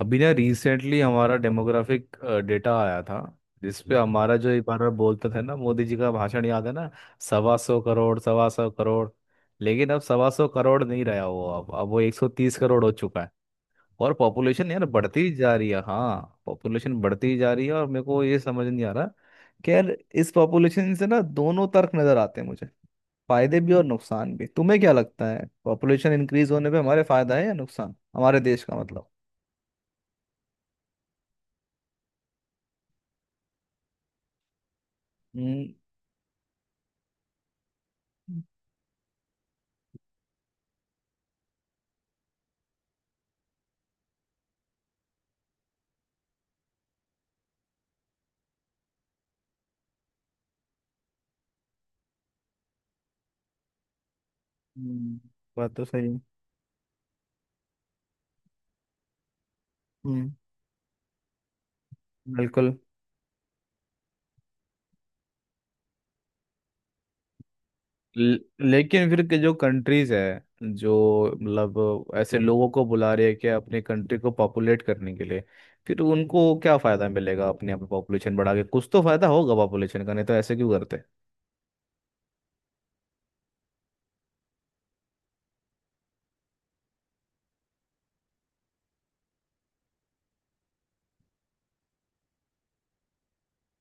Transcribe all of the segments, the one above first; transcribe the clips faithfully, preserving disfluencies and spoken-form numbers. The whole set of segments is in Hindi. अभी ना रिसेंटली हमारा डेमोग्राफिक डेटा आया था जिस पे हम्म। हमारा जो एक बार बोलते थे ना, मोदी जी का भाषण याद है ना? सवा सौ करोड़, सवा सौ करोड़। लेकिन अब सवा सौ करोड़ नहीं रहा, वो अब अब वो एक सौ तीस करोड़ हो चुका है। और पॉपुलेशन यार बढ़ती ही जा रही है, हाँ पॉपुलेशन बढ़ती ही जा रही है। और मेरे को ये समझ नहीं आ रहा कि यार इस पॉपुलेशन से ना दोनों तर्क नजर आते हैं मुझे, फायदे भी और नुकसान भी। तुम्हें क्या लगता है, पॉपुलेशन इंक्रीज होने पे हमारे फायदा है या नुकसान हमारे देश का, मतलब? हम्म। हम्म, बात तो सही है। हम्म। बिल्कुल। ल- लेकिन फिर के जो कंट्रीज है, जो मतलब ऐसे लोगों को बुला रही है कि अपने कंट्री को पॉपुलेट करने के लिए, फिर उनको क्या फायदा मिलेगा? अपने आप पॉपुलेशन बढ़ा के, कुछ तो फायदा होगा पॉपुलेशन का, नहीं तो ऐसे क्यों करते।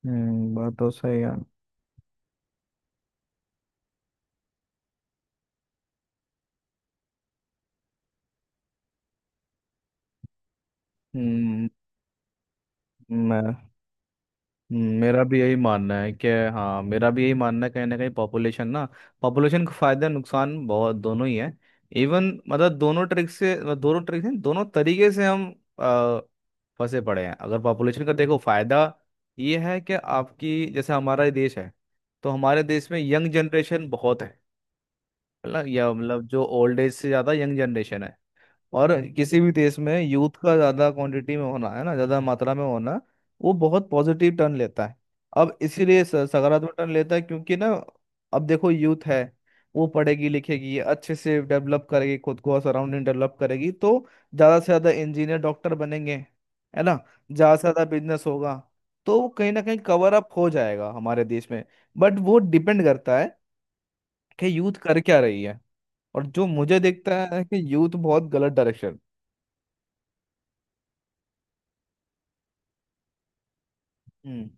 हम्म, बात तो सही है। हम्म, मैं मेरा भी यही मानना है कि हाँ, मेरा भी यही मानना है कहीं ना कहीं पॉपुलेशन ना, पॉपुलेशन को फायदा नुकसान बहुत दोनों ही है। इवन मतलब दोनों ट्रिक से, मतलब दोनों ट्रिक से दोनों तरीके से हम अ, फंसे पड़े हैं। अगर पॉपुलेशन का देखो, फायदा ये है कि आपकी जैसे हमारा ये देश है, तो हमारे देश में यंग जनरेशन बहुत है। मतलब या मतलब जो ओल्ड एज से ज़्यादा यंग जनरेशन है। और किसी भी देश में यूथ का ज्यादा क्वांटिटी में होना है ना, ज्यादा मात्रा में होना, वो बहुत पॉजिटिव टर्न लेता है। अब इसीलिए स- सकारात्मक टर्न लेता है क्योंकि ना अब देखो, यूथ है, वो पढ़ेगी लिखेगी अच्छे से, डेवलप करेगी खुद को, सराउंडिंग डेवलप करेगी, तो ज्यादा से ज्यादा इंजीनियर डॉक्टर बनेंगे, है ना। ज्यादा से ज्यादा बिजनेस होगा। तो वो कहीं ना कहीं कवर अप हो जाएगा हमारे देश में। बट वो डिपेंड करता है कि यूथ कर क्या रही है। और जो मुझे दिखता है कि यूथ बहुत गलत डायरेक्शन। हम्म।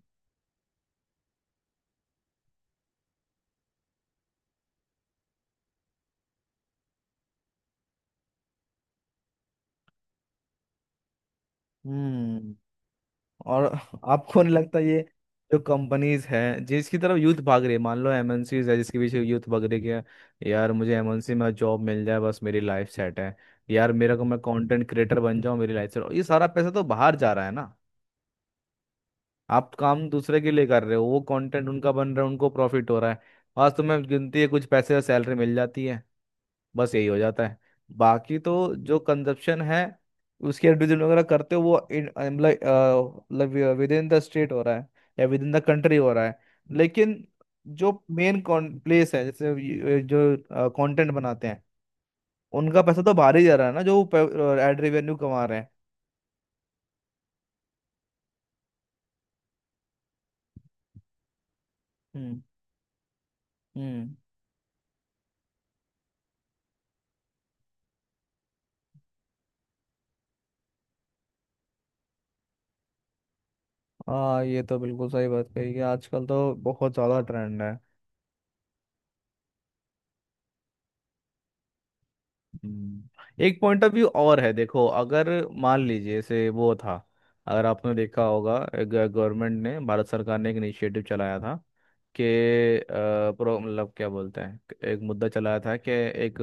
हम्म। और आपको नहीं लगता, ये जो कंपनीज हैं जिसकी तरफ यूथ भाग रही है, मान लो एम एन सीज़ है जिसके पीछे यूथ भाग रही है, कि यार मुझे एम एन सी में जॉब मिल जाए, बस मेरी लाइफ सेट है। यार मेरे को, मैं कंटेंट क्रिएटर बन जाऊं मेरी लाइफ सेट, ये सारा पैसा तो बाहर जा रहा है ना। आप काम दूसरे के लिए कर रहे हो, वो कंटेंट उनका बन रहा है, उनको प्रॉफिट हो रहा है। आज तुम्हें गिनती है कुछ पैसे सैलरी मिल जाती है, बस यही हो जाता है। बाकी तो जो कंजप्शन है, उसके एडवर्टीजमेंट वगैरह करते हो, वो इन- अ, मतलब विद इन द स्टेट हो रहा है या विद इन द कंट्री हो रहा है। लेकिन जो मेन प्लेस है, जैसे ये- जो कंटेंट बनाते हैं, उनका पैसा तो बाहर ही जा रहा है ना, जो एड रेवेन्यू कमा रहे हैं। हम्म। हम्म। हाँ, ये तो बिल्कुल सही बात कही कि आजकल तो बहुत ज्यादा ट्रेंड है। हम्म, एक पॉइंट ऑफ व्यू और है। देखो अगर मान लीजिए जैसे वो था, अगर आपने देखा होगा, गवर्नमेंट ने, भारत सरकार ने एक इनिशिएटिव चलाया था कि अ, प्रो मतलब क्या बोलते हैं, एक मुद्दा चलाया था कि एक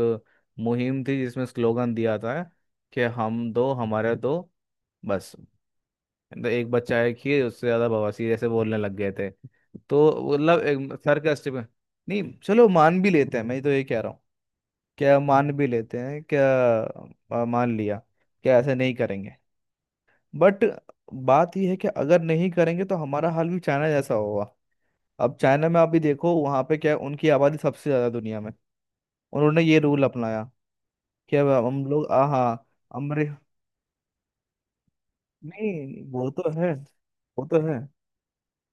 मुहिम थी जिसमें स्लोगन दिया था कि हम दो हमारे दो, बस। तो एक बच्चा है कि उससे ज्यादा बवासीर, ऐसे बोलने लग गए थे। तो मतलब एक सरकास्टिक। नहीं चलो मान भी लेते हैं, मैं तो ये कह रहा हूँ क्या, मान भी लेते हैं क्या, आ, मान लिया क्या, ऐसे नहीं करेंगे। बट बात यह है कि अगर नहीं करेंगे तो हमारा हाल भी चाइना जैसा होगा। अब चाइना में आप भी देखो वहाँ पे क्या है, उनकी आबादी सबसे ज़्यादा दुनिया में। उन्होंने ये रूल अपनाया कि अब हम लोग आ, हाँ, अमरे, नहीं, वो तो है, वो तो है।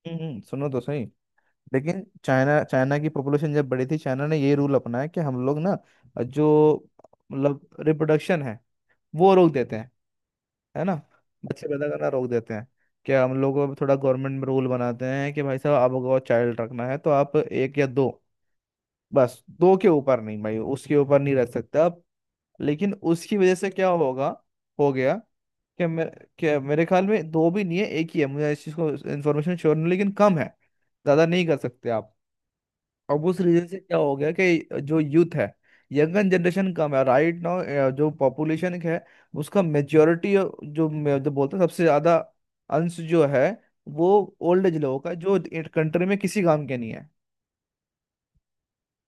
हम्म। हम्म, सुनो तो सही। लेकिन चाइना चाइना की पॉपुलेशन जब बड़ी थी, चाइना ने ये रूल अपनाया कि हम लोग ना जो मतलब रिप्रोडक्शन है वो रोक देते हैं, है ना, बच्चे पैदा करना रोक देते हैं। क्या हम लोग अब थोड़ा गवर्नमेंट में रूल बनाते हैं कि भाई साहब आपको चाइल्ड रखना है तो आप एक या दो, बस, दो के ऊपर नहीं भाई, उसके ऊपर नहीं रख सकते आप। लेकिन उसकी वजह से क्या होगा, हो गया कि मे, कि मेरे ख्याल में दो भी नहीं है एक ही है, मुझे इस चीज़ को इन्फॉर्मेशन श्योर नहीं लेकिन कम है, ज़्यादा नहीं कर सकते आप। अब उस रीजन से क्या हो गया कि जो यूथ है, यंगन जनरेशन कम है, राइट नाउ जो पॉपुलेशन है उसका मेच्योरिटी, जो मैं- जो बोलते हैं सबसे ज्यादा अंश जो है, वो ओल्ड एज लोगों का है, जो कंट्री में किसी काम के नहीं है।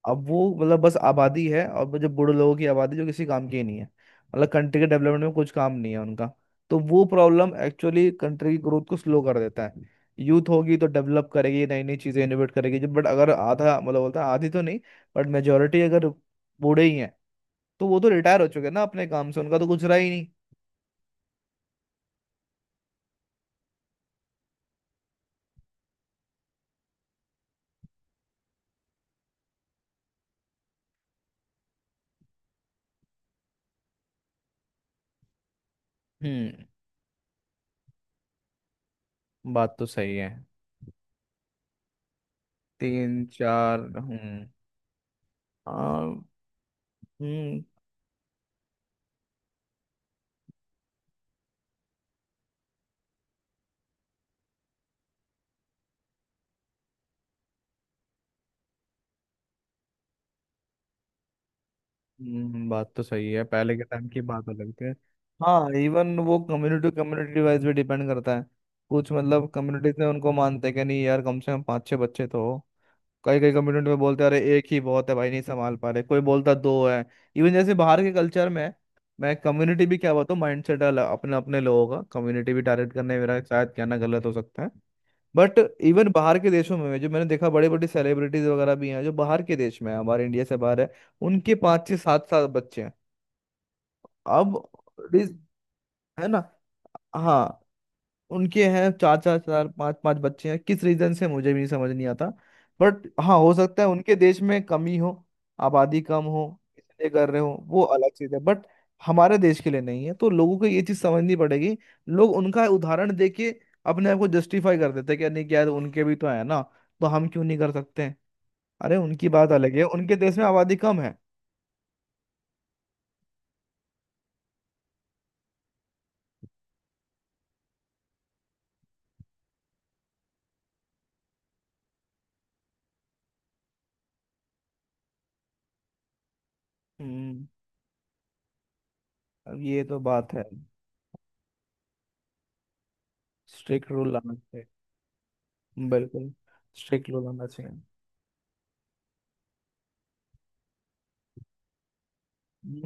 अब वो मतलब बस आबादी है, और वो जो बूढ़े लोगों की आबादी जो किसी काम की ही नहीं है, मतलब कंट्री के डेवलपमेंट में कुछ काम नहीं है उनका। तो वो प्रॉब्लम एक्चुअली कंट्री की ग्रोथ को स्लो कर देता है। यूथ होगी तो डेवलप करेगी, नई नई चीजें इनोवेट करेगी जब, बट अगर आधा मतलब बोलता है आधी तो नहीं, बट मेजोरिटी अगर बूढ़े ही हैं तो वो तो रिटायर हो चुके हैं ना अपने काम से, उनका तो कुछ रहा ही नहीं। हम्म, बात तो सही है। तीन चार, हम्म। आ, हम्म। हम्म, बात तो सही है, पहले के टाइम की बात अलग थी। हाँ, इवन वो कम्युनिटी, कम्युनिटी वाइज भी डिपेंड करता है। कुछ मतलब कम्युनिटीज में उनको मानते हैं कि नहीं यार, कम से कम पाँच छह बच्चे तो हो। कई कई कम्युनिटी में बोलते हैं अरे एक ही बहुत है भाई, नहीं संभाल पा रहे। कोई बोलता दो है। इवन जैसे बाहर के कल्चर में, मैं कम्युनिटी भी क्या बताऊँ, माइंड सेट अपने अपने लोगों का, कम्युनिटी भी टारगेट करने में मेरा शायद कहना गलत हो सकता है। बट इवन बाहर के देशों में जो मैंने देखा, बड़े बड़े सेलिब्रिटीज वगैरह भी हैं जो बाहर के देश में है, हमारे इंडिया से बाहर है, उनके पाँच से सात सात बच्चे हैं। अब इस- है ना, हाँ, उनके हैं चार चार चार पांच पांच बच्चे हैं। किस रीजन से मुझे भी नहीं समझ नहीं आता, बट हाँ, हो सकता है उनके देश में कमी हो, आबादी कम हो, इसलिए कर रहे हो वो अलग चीज है। बट हमारे देश के लिए नहीं है तो लोगों को ये चीज समझनी पड़ेगी। लोग उनका उदाहरण देके अपने आप को जस्टिफाई कर देते हैं कि, "अरे नहीं क्या यार, उनके भी तो है ना, तो हम क्यों नहीं कर सकते हैं? अरे उनकी बात अलग है, उनके देश में आबादी कम है।" हम्म, अब ये तो बात है, स्ट्रिक्ट रूल लाना चाहिए। बिल्कुल, स्ट्रिक्ट रूल लाना चाहिए।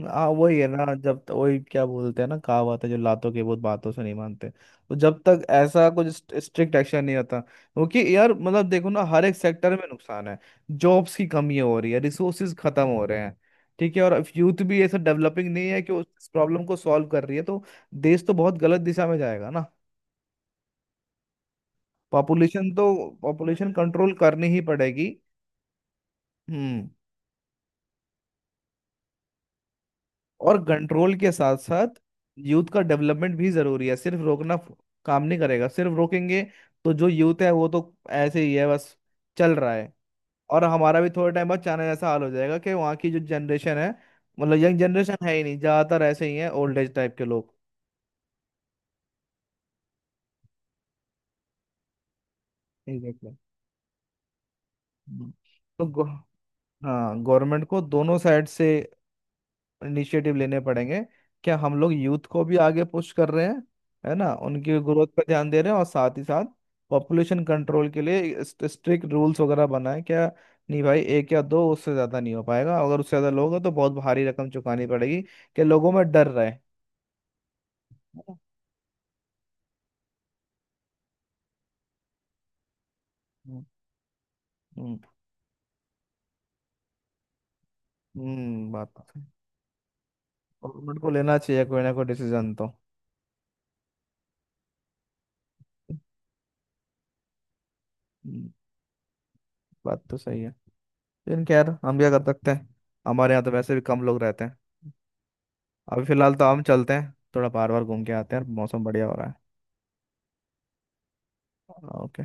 हाँ वही है ना, जब तक, वही क्या बोलते हैं ना, कहावत है जो लातों के भूत बातों से नहीं मानते, तो जब तक ऐसा कुछ स्ट्रिक्ट एक्शन नहीं होता, क्योंकि यार मतलब देखो ना हर एक सेक्टर में नुकसान है, जॉब्स की कमी हो रही है, रिसोर्सेज खत्म हो रहे हैं, ठीक है, और यूथ भी ऐसा डेवलपिंग नहीं है कि उस प्रॉब्लम को सॉल्व कर रही है, तो देश तो बहुत गलत दिशा में जाएगा ना। पॉपुलेशन तो, पॉपुलेशन कंट्रोल करनी ही पड़ेगी। हम्म, और कंट्रोल के साथ साथ यूथ का डेवलपमेंट भी जरूरी है, सिर्फ रोकना फ- काम नहीं करेगा, सिर्फ रोकेंगे तो जो यूथ है वो तो ऐसे ही है, बस चल रहा है। और हमारा भी थोड़े टाइम बाद चाइना जैसा हाल हो जाएगा, कि वहाँ की जो जनरेशन है, मतलब यंग जनरेशन है ही नहीं, ज्यादातर ऐसे ही है ओल्ड एज टाइप के लोग। एग्जैक्टली, तो गो, हाँ, गवर्नमेंट को दोनों साइड से इनिशिएटिव लेने पड़ेंगे। क्या हम लोग यूथ को भी आगे पुश कर रहे हैं, है ना, उनकी ग्रोथ पर ध्यान दे रहे हैं, और साथ ही साथ पॉपुलेशन कंट्रोल के लिए स्ट्रिक्ट रूल्स वगैरह बनाए क्या। नहीं भाई, एक या दो, उससे ज़्यादा नहीं हो पाएगा, अगर उससे ज़्यादा लोग हैं तो बहुत भारी रकम चुकानी पड़ेगी, कि लोगों में डर रहे। हम्म। हम्म। हम्म, बात तो सही। गवर्नमेंट को लेना चाहिए कोई ना कोई डिसीजन तो। हम्म, बात तो सही है, लेकिन खैर हम क्या कर सकते हैं, हमारे यहाँ तो वैसे भी कम लोग रहते हैं। अभी फिलहाल तो हम चलते हैं, थोड़ा बार बार घूम के आते हैं, मौसम बढ़िया हो रहा है, ओके।